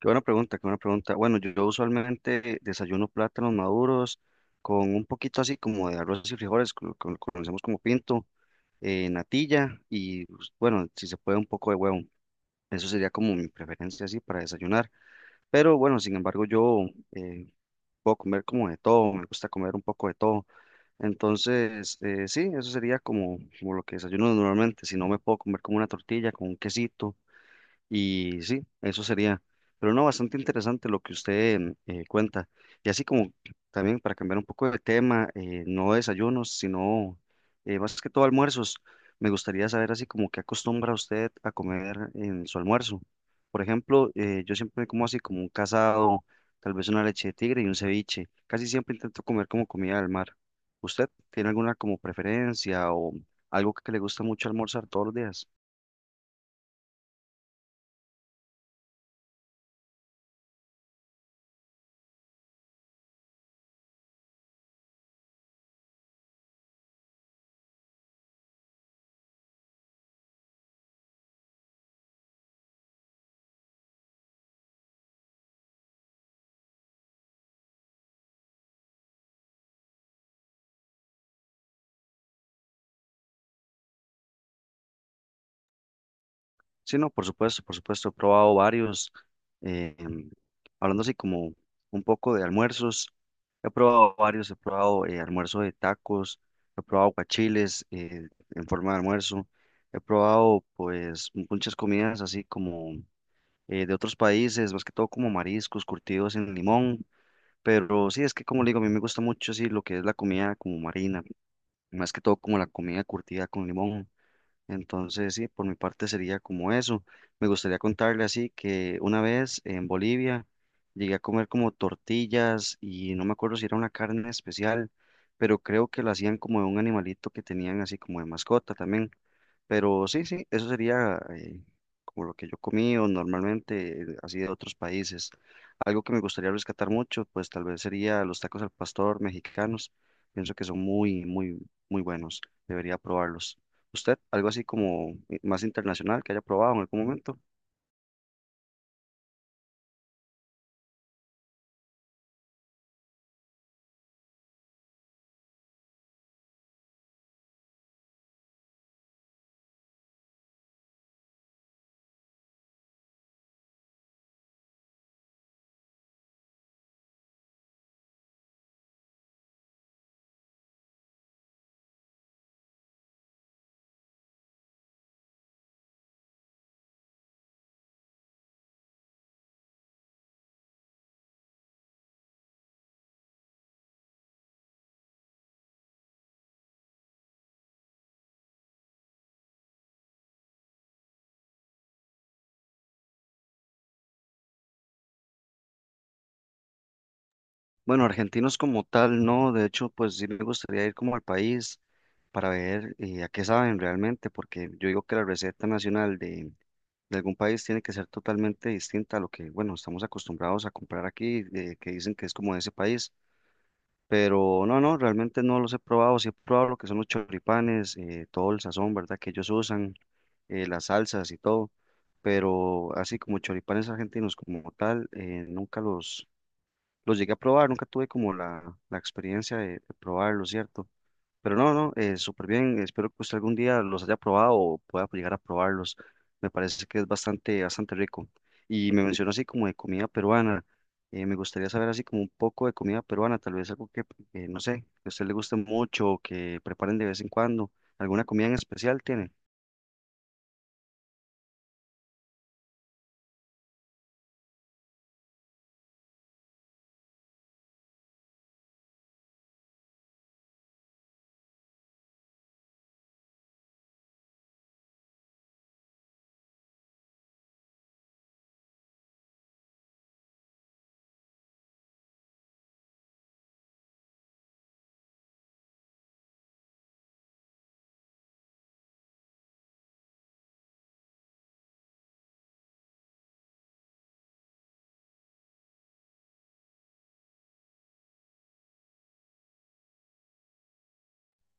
Qué buena pregunta, qué buena pregunta. Bueno, yo usualmente desayuno plátanos maduros con un poquito así como de arroz y frijoles, con lo que conocemos como pinto, natilla y pues, bueno, si se puede un poco de huevo. Eso sería como mi preferencia así para desayunar. Pero bueno, sin embargo, yo eh, puedo comer como de todo, me gusta comer un poco de todo. Entonces, sí, eso sería como lo que desayuno normalmente. Si no, me puedo comer como una tortilla con un quesito y sí, eso sería. Pero no, bastante interesante lo que usted cuenta. Y así como también para cambiar un poco de tema, no desayunos, sino más que todo almuerzos. Me gustaría saber así como qué acostumbra usted a comer en su almuerzo. Por ejemplo, yo siempre como así como un casado, tal vez una leche de tigre y un ceviche. Casi siempre intento comer como comida del mar. ¿Usted tiene alguna como preferencia o algo que le gusta mucho almorzar todos los días? Sí, no, por supuesto, he probado varios, eh, em, hablando así como un poco de almuerzos, he probado varios, he probado almuerzo de tacos, he probado guachiles en forma de almuerzo, he probado pues muchas comidas así como de otros países, más que todo como mariscos curtidos en limón, pero sí, es que como le digo, a mí me gusta mucho así lo que es la comida como marina, más que todo como la comida curtida con limón. Entonces, sí, por mi parte sería como eso. Me gustaría contarle así que una vez en Bolivia llegué a comer como tortillas y no me acuerdo si era una carne especial, pero creo que lo hacían como de un animalito que tenían así como de mascota también. Pero sí, sí, eso sería como lo que yo comí o normalmente así de otros países. Algo que me gustaría rescatar mucho, pues tal vez sería los tacos al pastor mexicanos. Pienso que son muy, muy, muy buenos. Debería probarlos. ¿Usted algo así como más internacional que haya probado en algún momento? Bueno, argentinos como tal, no. De hecho, pues sí me gustaría ir como al país para ver a qué saben realmente, porque yo digo que la receta nacional de algún país tiene que ser totalmente distinta a lo que, bueno, estamos acostumbrados a comprar aquí, de que dicen que es como de ese país, pero no, no, realmente no los he probado, sí he probado lo que son los choripanes, todo el sazón, ¿verdad? Que ellos usan, las salsas y todo, pero así como choripanes argentinos como tal, nunca los llegué a probar, nunca tuve como la experiencia de probarlo, ¿cierto? Pero no, no, súper bien. Espero que usted algún día los haya probado o pueda llegar a probarlos. Me parece que es bastante, bastante rico. Y me mencionó así como de comida peruana. Me gustaría saber así como un poco de comida peruana, tal vez algo que, no sé, que a usted le guste mucho o que preparen de vez en cuando. ¿Alguna comida en especial tiene?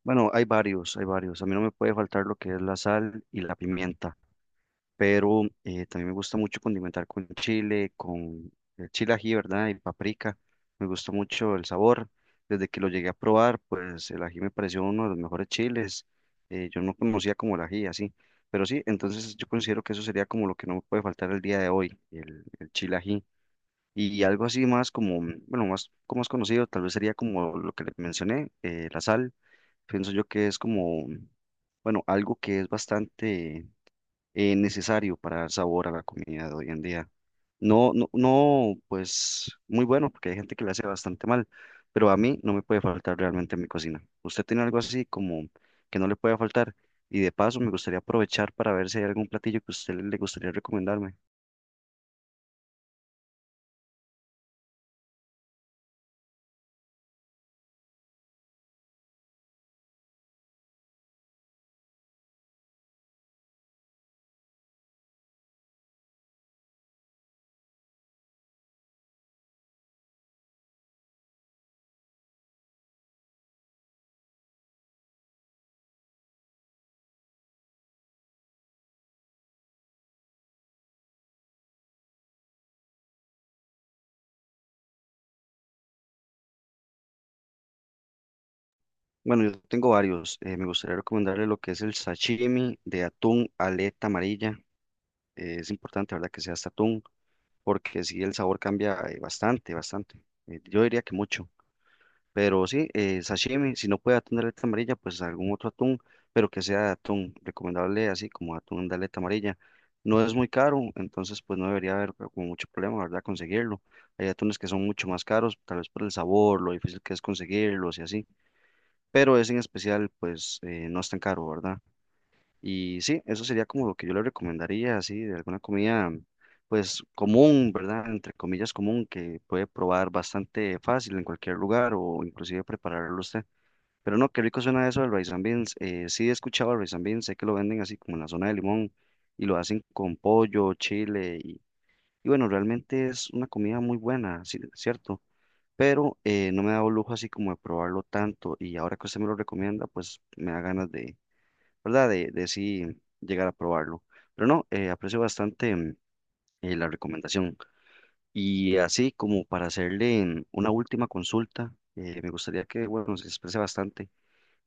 Bueno, hay varios, hay varios. A mí no me puede faltar lo que es la sal y la pimienta. Pero también me gusta mucho condimentar con chile ají, ¿verdad? Y paprika. Me gustó mucho el sabor. Desde que lo llegué a probar, pues el ají me pareció uno de los mejores chiles. Yo no conocía como el ají, así. Pero sí, entonces yo considero que eso sería como lo que no me puede faltar el día de hoy, el chile ají. Y algo así más como, bueno, más, como más conocido, tal vez sería como lo que le mencioné, la sal. Pienso yo que es como, bueno, algo que es bastante necesario para dar sabor a la comida de hoy en día. No, no, no, pues muy bueno, porque hay gente que le hace bastante mal, pero a mí no me puede faltar realmente en mi cocina. ¿Usted tiene algo así como que no le puede faltar? Y de paso, me gustaría aprovechar para ver si hay algún platillo que usted le gustaría recomendarme. Bueno, yo tengo varios. Eh, me gustaría recomendarle lo que es el sashimi de atún aleta amarilla. Es importante, ¿verdad?, que sea este atún, porque sí, el sabor cambia bastante, bastante. Yo diría que mucho. Pero sí, sashimi, si no puede atún de aleta amarilla, pues algún otro atún, pero que sea de atún, recomendable así como atún de aleta amarilla. No es muy caro, entonces pues no debería haber como mucho problema, ¿verdad? Conseguirlo. Hay atunes que son mucho más caros, tal vez por el sabor, lo difícil que es conseguirlos y así, pero ese en especial pues no es tan caro, ¿verdad? Y sí, eso sería como lo que yo le recomendaría, así, de alguna comida, pues común, ¿verdad? Entre comillas común, que puede probar bastante fácil en cualquier lugar o inclusive prepararlo usted. Pero no, qué rico suena eso del rice and beans. Sí he escuchado el rice and beans, sé que lo venden así como en la zona de Limón y lo hacen con pollo, chile y bueno, realmente es una comida muy buena, sí, cierto. Pero no me he dado lujo así como de probarlo tanto y ahora que usted me lo recomienda, pues me da ganas de ¿verdad? De sí llegar a probarlo. Pero no, aprecio bastante la recomendación. Y así como para hacerle una última consulta, me gustaría que, bueno, se exprese bastante.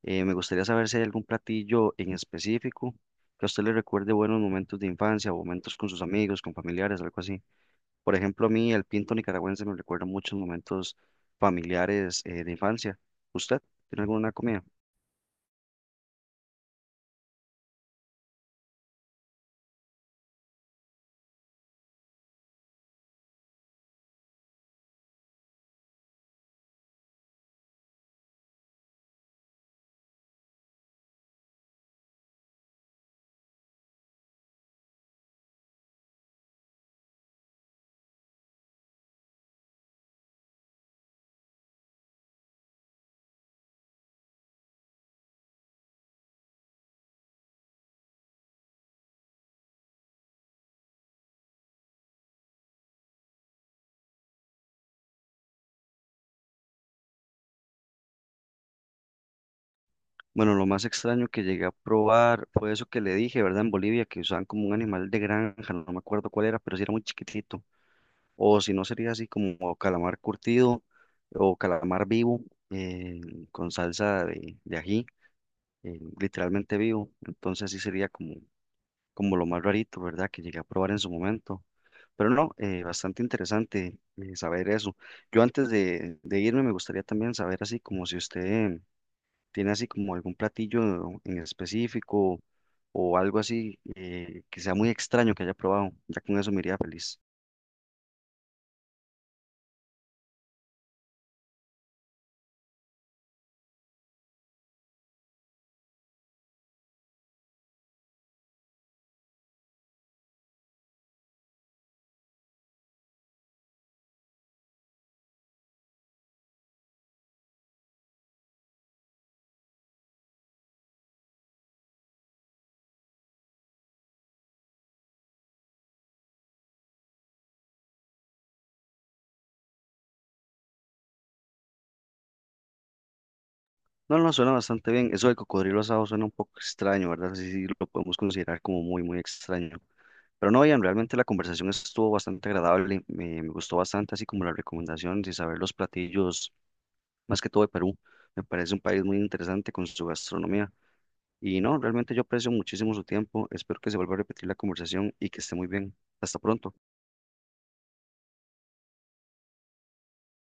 Me gustaría saber si hay algún platillo en específico que a usted le recuerde buenos momentos de infancia o momentos con sus amigos, con familiares, algo así. Por ejemplo, a mí el pinto nicaragüense me recuerda muchos momentos familiares de infancia. ¿Usted tiene alguna comida? Bueno, lo más extraño que llegué a probar fue eso que le dije, ¿verdad? En Bolivia, que usaban como un animal de granja, no me acuerdo cuál era, pero sí era muy chiquitito. O si no, sería así como calamar curtido o calamar vivo eh, con salsa de ají, literalmente vivo. Entonces sí sería como, como lo más rarito, ¿verdad? Que llegué a probar en su momento. Pero no, bastante interesante saber eso. Yo antes de irme me gustaría también saber así como si usted ¿tiene así como algún platillo en específico o algo así que sea muy extraño que haya probado? Ya con eso me iría feliz. No, no, suena bastante bien. Eso del cocodrilo asado suena un poco extraño, ¿verdad? Sí, sí, lo podemos considerar como muy, muy extraño. Pero no, bien, realmente la conversación estuvo bastante agradable. Me gustó bastante, así como las recomendaciones y saber los platillos, más que todo de Perú. Me parece un país muy interesante con su gastronomía. Y no, realmente yo aprecio muchísimo su tiempo. Espero que se vuelva a repetir la conversación y que esté muy bien. Hasta pronto.